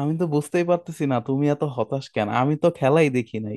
আমি তো বুঝতেই পারতেছি না তুমি এত হতাশ কেন? আমি তো খেলাই দেখি নাই।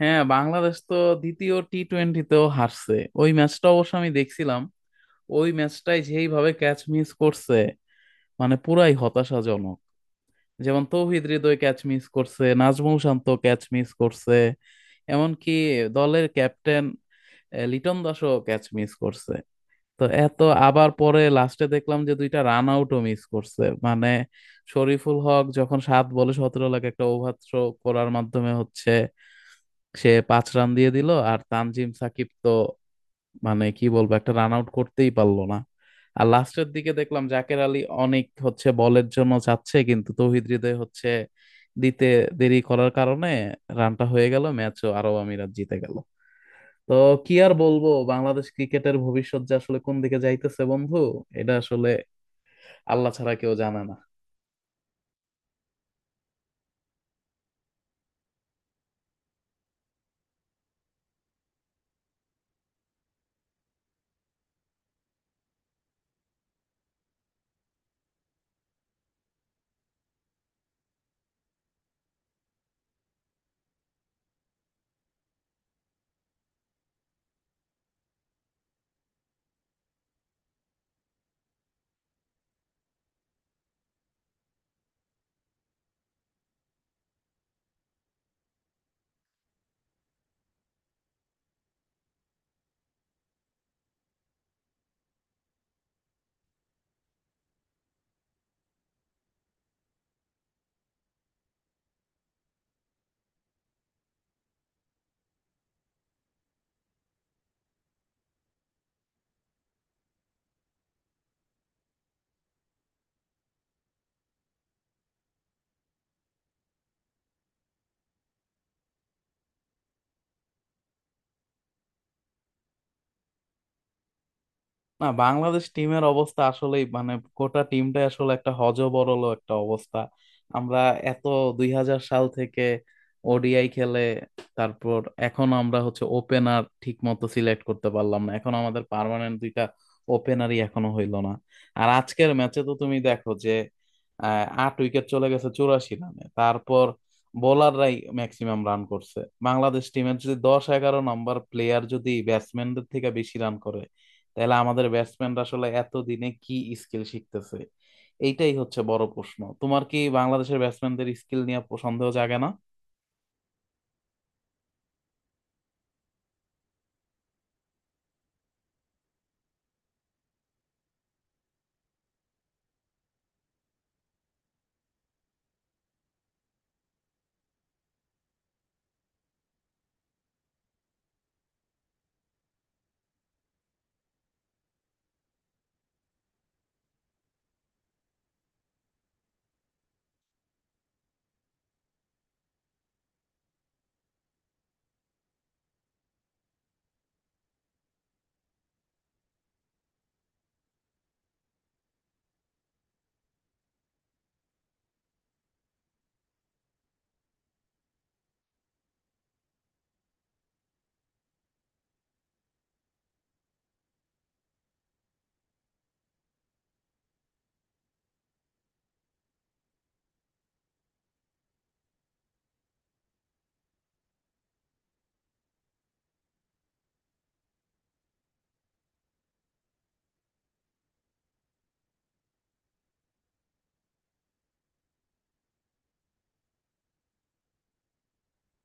হ্যাঁ, বাংলাদেশ তো দ্বিতীয় টি টোয়েন্টিতেও হারছে। ওই ম্যাচটা অবশ্য আমি দেখছিলাম। ওই ম্যাচটাই যেইভাবে ক্যাচ মিস করছে, মানে পুরাই হতাশাজনক। যেমন তৌহিদ হৃদয় ক্যাচ মিস করছে, নাজমুল শান্ত ক্যাচ মিস করছে, এমনকি দলের ক্যাপ্টেন লিটন দাসও ক্যাচ মিস করছে। তো এত, আবার পরে লাস্টে দেখলাম যে দুইটা রান আউটও মিস করছে। মানে শরীফুল হক যখন 7 বলে সতেরো লাখ একটা ওভার থ্রো করার মাধ্যমে হচ্ছে সে 5 রান দিয়ে দিল, আর তানজিম সাকিব তো মানে কি বলবো, একটা রান আউট করতেই পারলো না। আর লাস্টের দিকে দেখলাম জাকের আলী অনেক হচ্ছে বলের জন্য যাচ্ছে, কিন্তু তৌহিদ হৃদয় হচ্ছে দিতে দেরি করার কারণে রানটা হয়ে গেল, ম্যাচও আরব আমিরাত জিতে গেল। তো কি আর বলবো, বাংলাদেশ ক্রিকেটের ভবিষ্যৎ যে আসলে কোন দিকে যাইতেছে বন্ধু, এটা আসলে আল্লাহ ছাড়া কেউ জানে না। না, বাংলাদেশ টিমের অবস্থা আসলেই মানে গোটা টিমটাই আসলে একটা হযবরল একটা অবস্থা। আমরা এত 2000 সাল থেকে ওডিআই খেলে, তারপর এখন আমরা হচ্ছে ওপেনার ঠিক মতো সিলেক্ট করতে পারলাম না, এখন আমাদের পার্মানেন্ট দুইটা ওপেনারই এখনো হইলো না। আর আজকের ম্যাচে তো তুমি দেখো যে 8 উইকেট চলে গেছে 84 রানে, তারপর বোলাররাই ম্যাক্সিমাম রান করছে। বাংলাদেশ টিমের যদি 10-11 নাম্বার প্লেয়ার যদি ব্যাটসম্যানদের থেকে বেশি রান করে, তাহলে আমাদের ব্যাটসম্যানরা আসলে এতদিনে কি স্কিল শিখতেছে? এইটাই হচ্ছে বড় প্রশ্ন। তোমার কি বাংলাদেশের ব্যাটসম্যানদের স্কিল নিয়ে সন্দেহ জাগে না?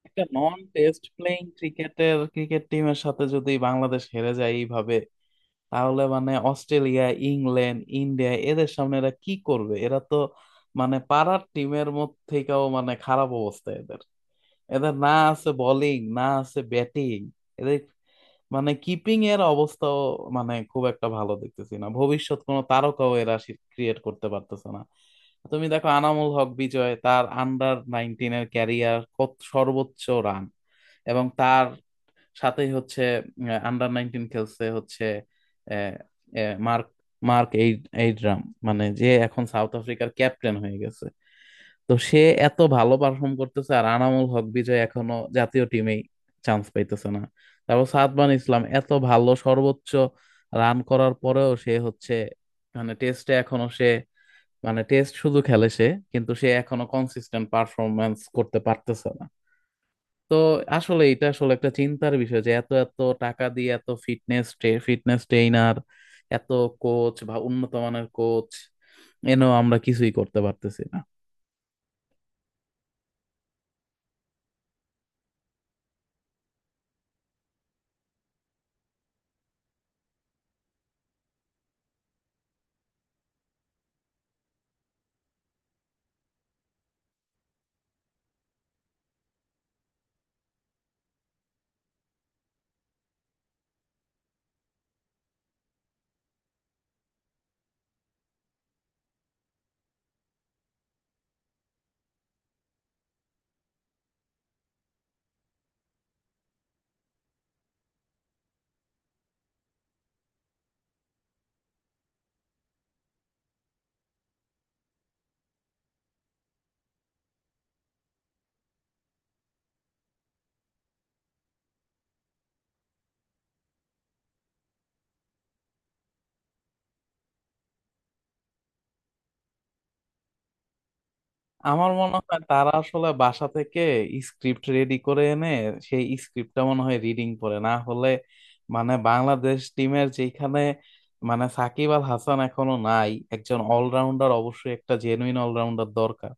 একটা নন টেস্ট প্লেইং ক্রিকেটের ক্রিকেট টিমের সাথে যদি বাংলাদেশ হেরে যায় এইভাবে, তাহলে মানে অস্ট্রেলিয়া, ইংল্যান্ড, ইন্ডিয়া এদের সামনে এরা কি করবে? এরা তো মানে পাড়ার টিমের মধ্যে থেকেও মানে খারাপ অবস্থা এদের। এদের না আছে বোলিং, না আছে ব্যাটিং। এদের মানে কিপিং এর অবস্থাও মানে খুব একটা ভালো দেখতেছি না। ভবিষ্যৎ কোনো তারকাও এরা ক্রিয়েট করতে পারতেছে না। তুমি দেখো আনামুল হক বিজয়, তার আন্ডার নাইনটিন এর ক্যারিয়ার কত সর্বোচ্চ রান। এবং তার সাথেই হচ্ছে আন্ডার নাইনটিন খেলছে হচ্ছে আহ, আহ, মার্ক মার্ক এইড এইড্রাম, মানে যে এখন সাউথ আফ্রিকার ক্যাপ্টেন হয়ে গেছে। তো সে এত ভালো পারফর্ম করতেছে, আর আনামুল হক বিজয় এখনো জাতীয় টিমেই চান্স পাইতেছে না। তারপর সাদমান ইসলাম এত ভালো সর্বোচ্চ রান করার পরেও সে হচ্ছে মানে টেস্টে এখনো সে মানে টেস্ট শুধু খেলে সে, কিন্তু সে এখনো কনসিস্টেন্ট পারফরমেন্স করতে পারতেছে না। তো আসলে এটা আসলে একটা চিন্তার বিষয় যে এত এত টাকা দিয়ে এত ফিটনেস, ফিটনেস ট্রেইনার, এত কোচ বা উন্নত মানের কোচ এনেও আমরা কিছুই করতে পারতেছি না। আমার মনে হয় তারা আসলে বাসা থেকে স্ক্রিপ্ট রেডি করে এনে সেই স্ক্রিপ্টটা মনে হয় রিডিং পড়ে। না হলে মানে বাংলাদেশ টিমের যেখানে মানে সাকিব আল হাসান এখনো নাই, একজন অলরাউন্ডার অবশ্যই একটা জেনুইন অলরাউন্ডার দরকার,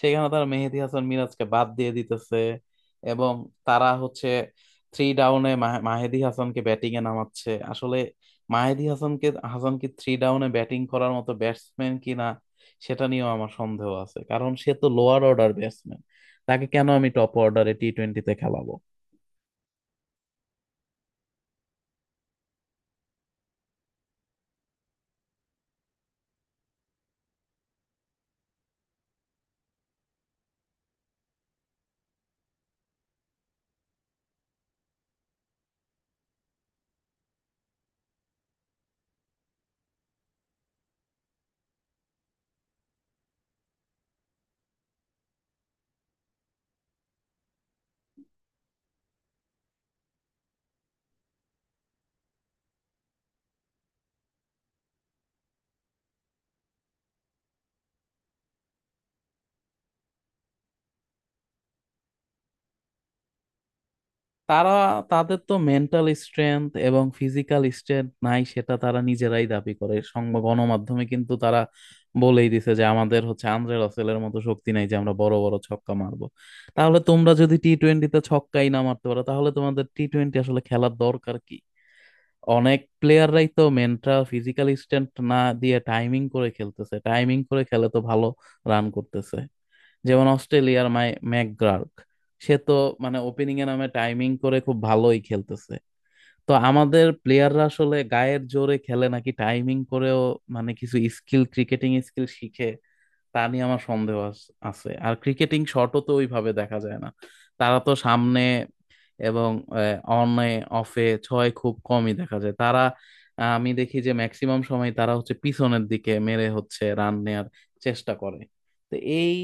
সেখানে তারা মেহেদী হাসান মিরাজকে বাদ দিয়ে দিতেছে। এবং তারা হচ্ছে থ্রি ডাউনে মাহেদী হাসানকে ব্যাটিং এ নামাচ্ছে। আসলে মাহেদী হাসানকে, হাসান কি থ্রি ডাউনে ব্যাটিং করার মতো ব্যাটসম্যান কিনা সেটা নিয়েও আমার সন্দেহ আছে, কারণ সে তো লোয়ার অর্ডার ব্যাটসম্যান। তাকে কেন আমি টপ অর্ডারে টি টোয়েন্টিতে খেলাবো? তারা তাদের তো মেন্টাল স্ট্রেংথ এবং ফিজিক্যাল স্ট্রেংথ নাই, সেটা তারা নিজেরাই দাবি করে সংবাদ গণমাধ্যমে, কিন্তু তারা বলেই দিছে যে আমাদের হচ্ছে আন্দ্রে রাসেলের মতো শক্তি নাই যে আমরা বড় বড় ছক্কা মারবো। তাহলে তোমরা যদি টি টোয়েন্টিতে ছক্কাই না মারতে পারো, তাহলে তোমাদের টি টোয়েন্টি আসলে খেলার দরকার কি? অনেক প্লেয়াররাই তো মেন্টাল ফিজিক্যাল স্ট্রেন্থ না দিয়ে টাইমিং করে খেলতেছে, টাইমিং করে খেলে তো ভালো রান করতেছে। যেমন অস্ট্রেলিয়ার ম্যাকগ্রার্ক, সে তো মানে ওপেনিং এ নামে টাইমিং করে খুব ভালোই খেলতেছে। তো আমাদের প্লেয়াররা আসলে গায়ের জোরে খেলে নাকি টাইমিং করেও মানে কিছু স্কিল, ক্রিকেটিং স্কিল শিখে, তা নিয়ে আমার সন্দেহ আছে। আর ক্রিকেটিং শটও তো ওইভাবে দেখা যায় না, তারা তো সামনে এবং অনে অফে ছয় খুব কমই দেখা যায়। তারা আমি দেখি যে ম্যাক্সিমাম সময় তারা হচ্ছে পিছনের দিকে মেরে হচ্ছে রান নেয়ার চেষ্টা করে। তো এই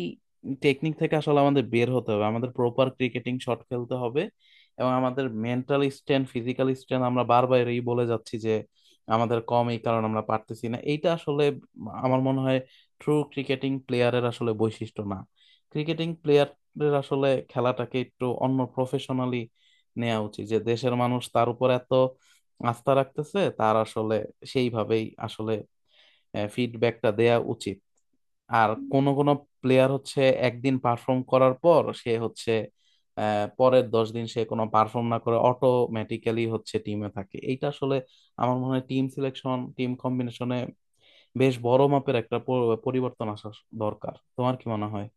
টেকনিক থেকে আসলে আমাদের বের হতে হবে, আমাদের প্রপার ক্রিকেটিং শট খেলতে হবে। এবং আমাদের মেন্টাল স্ট্রেন্থ, ফিজিক্যাল স্ট্রেন্থ আমরা বারবার এই বলে যাচ্ছি যে আমাদের কম, এই কারণে আমরা পারতেছি না। এইটা আসলে আমার মনে হয় ট্রু ক্রিকেটিং প্লেয়ারের আসলে বৈশিষ্ট্য না। ক্রিকেটিং প্লেয়ারের আসলে খেলাটাকে একটু অন্য প্রফেশনালি নেওয়া উচিত। যে দেশের মানুষ তার উপর এত আস্থা রাখতেছে, তার আসলে সেইভাবেই আসলে ফিডব্যাকটা দেয়া উচিত। আর কোন কোন প্লেয়ার হচ্ছে একদিন পারফর্ম করার পর সে হচ্ছে পরের 10 দিন সে কোনো পারফর্ম না করে অটোমেটিক্যালি হচ্ছে টিমে থাকে। এইটা আসলে আমার মনে হয় টিম সিলেকশন, টিম কম্বিনেশনে বেশ বড় মাপের একটা পরিবর্তন আসা দরকার। তোমার কি মনে হয়?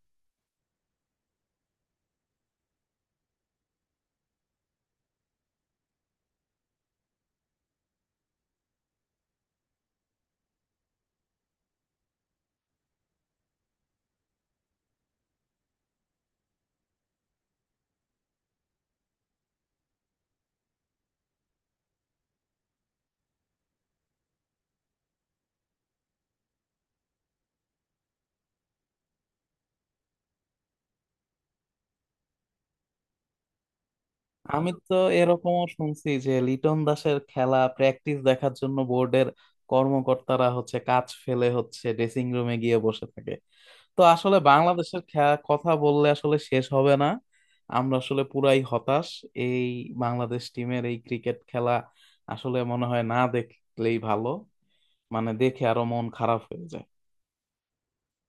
আমি তো এরকমও শুনছি যে লিটন দাসের খেলা, প্র্যাকটিস দেখার জন্য বোর্ডের কর্মকর্তারা হচ্ছে কাজ ফেলে হচ্ছে ড্রেসিং রুমে গিয়ে বসে থাকে। তো আসলে বাংলাদেশের খেলা কথা বললে আসলে শেষ হবে না। আমরা আসলে পুরাই হতাশ এই বাংলাদেশ টিমের এই ক্রিকেট খেলা। আসলে মনে হয় না দেখলেই ভালো, মানে দেখে আরো মন খারাপ হয়ে যায়।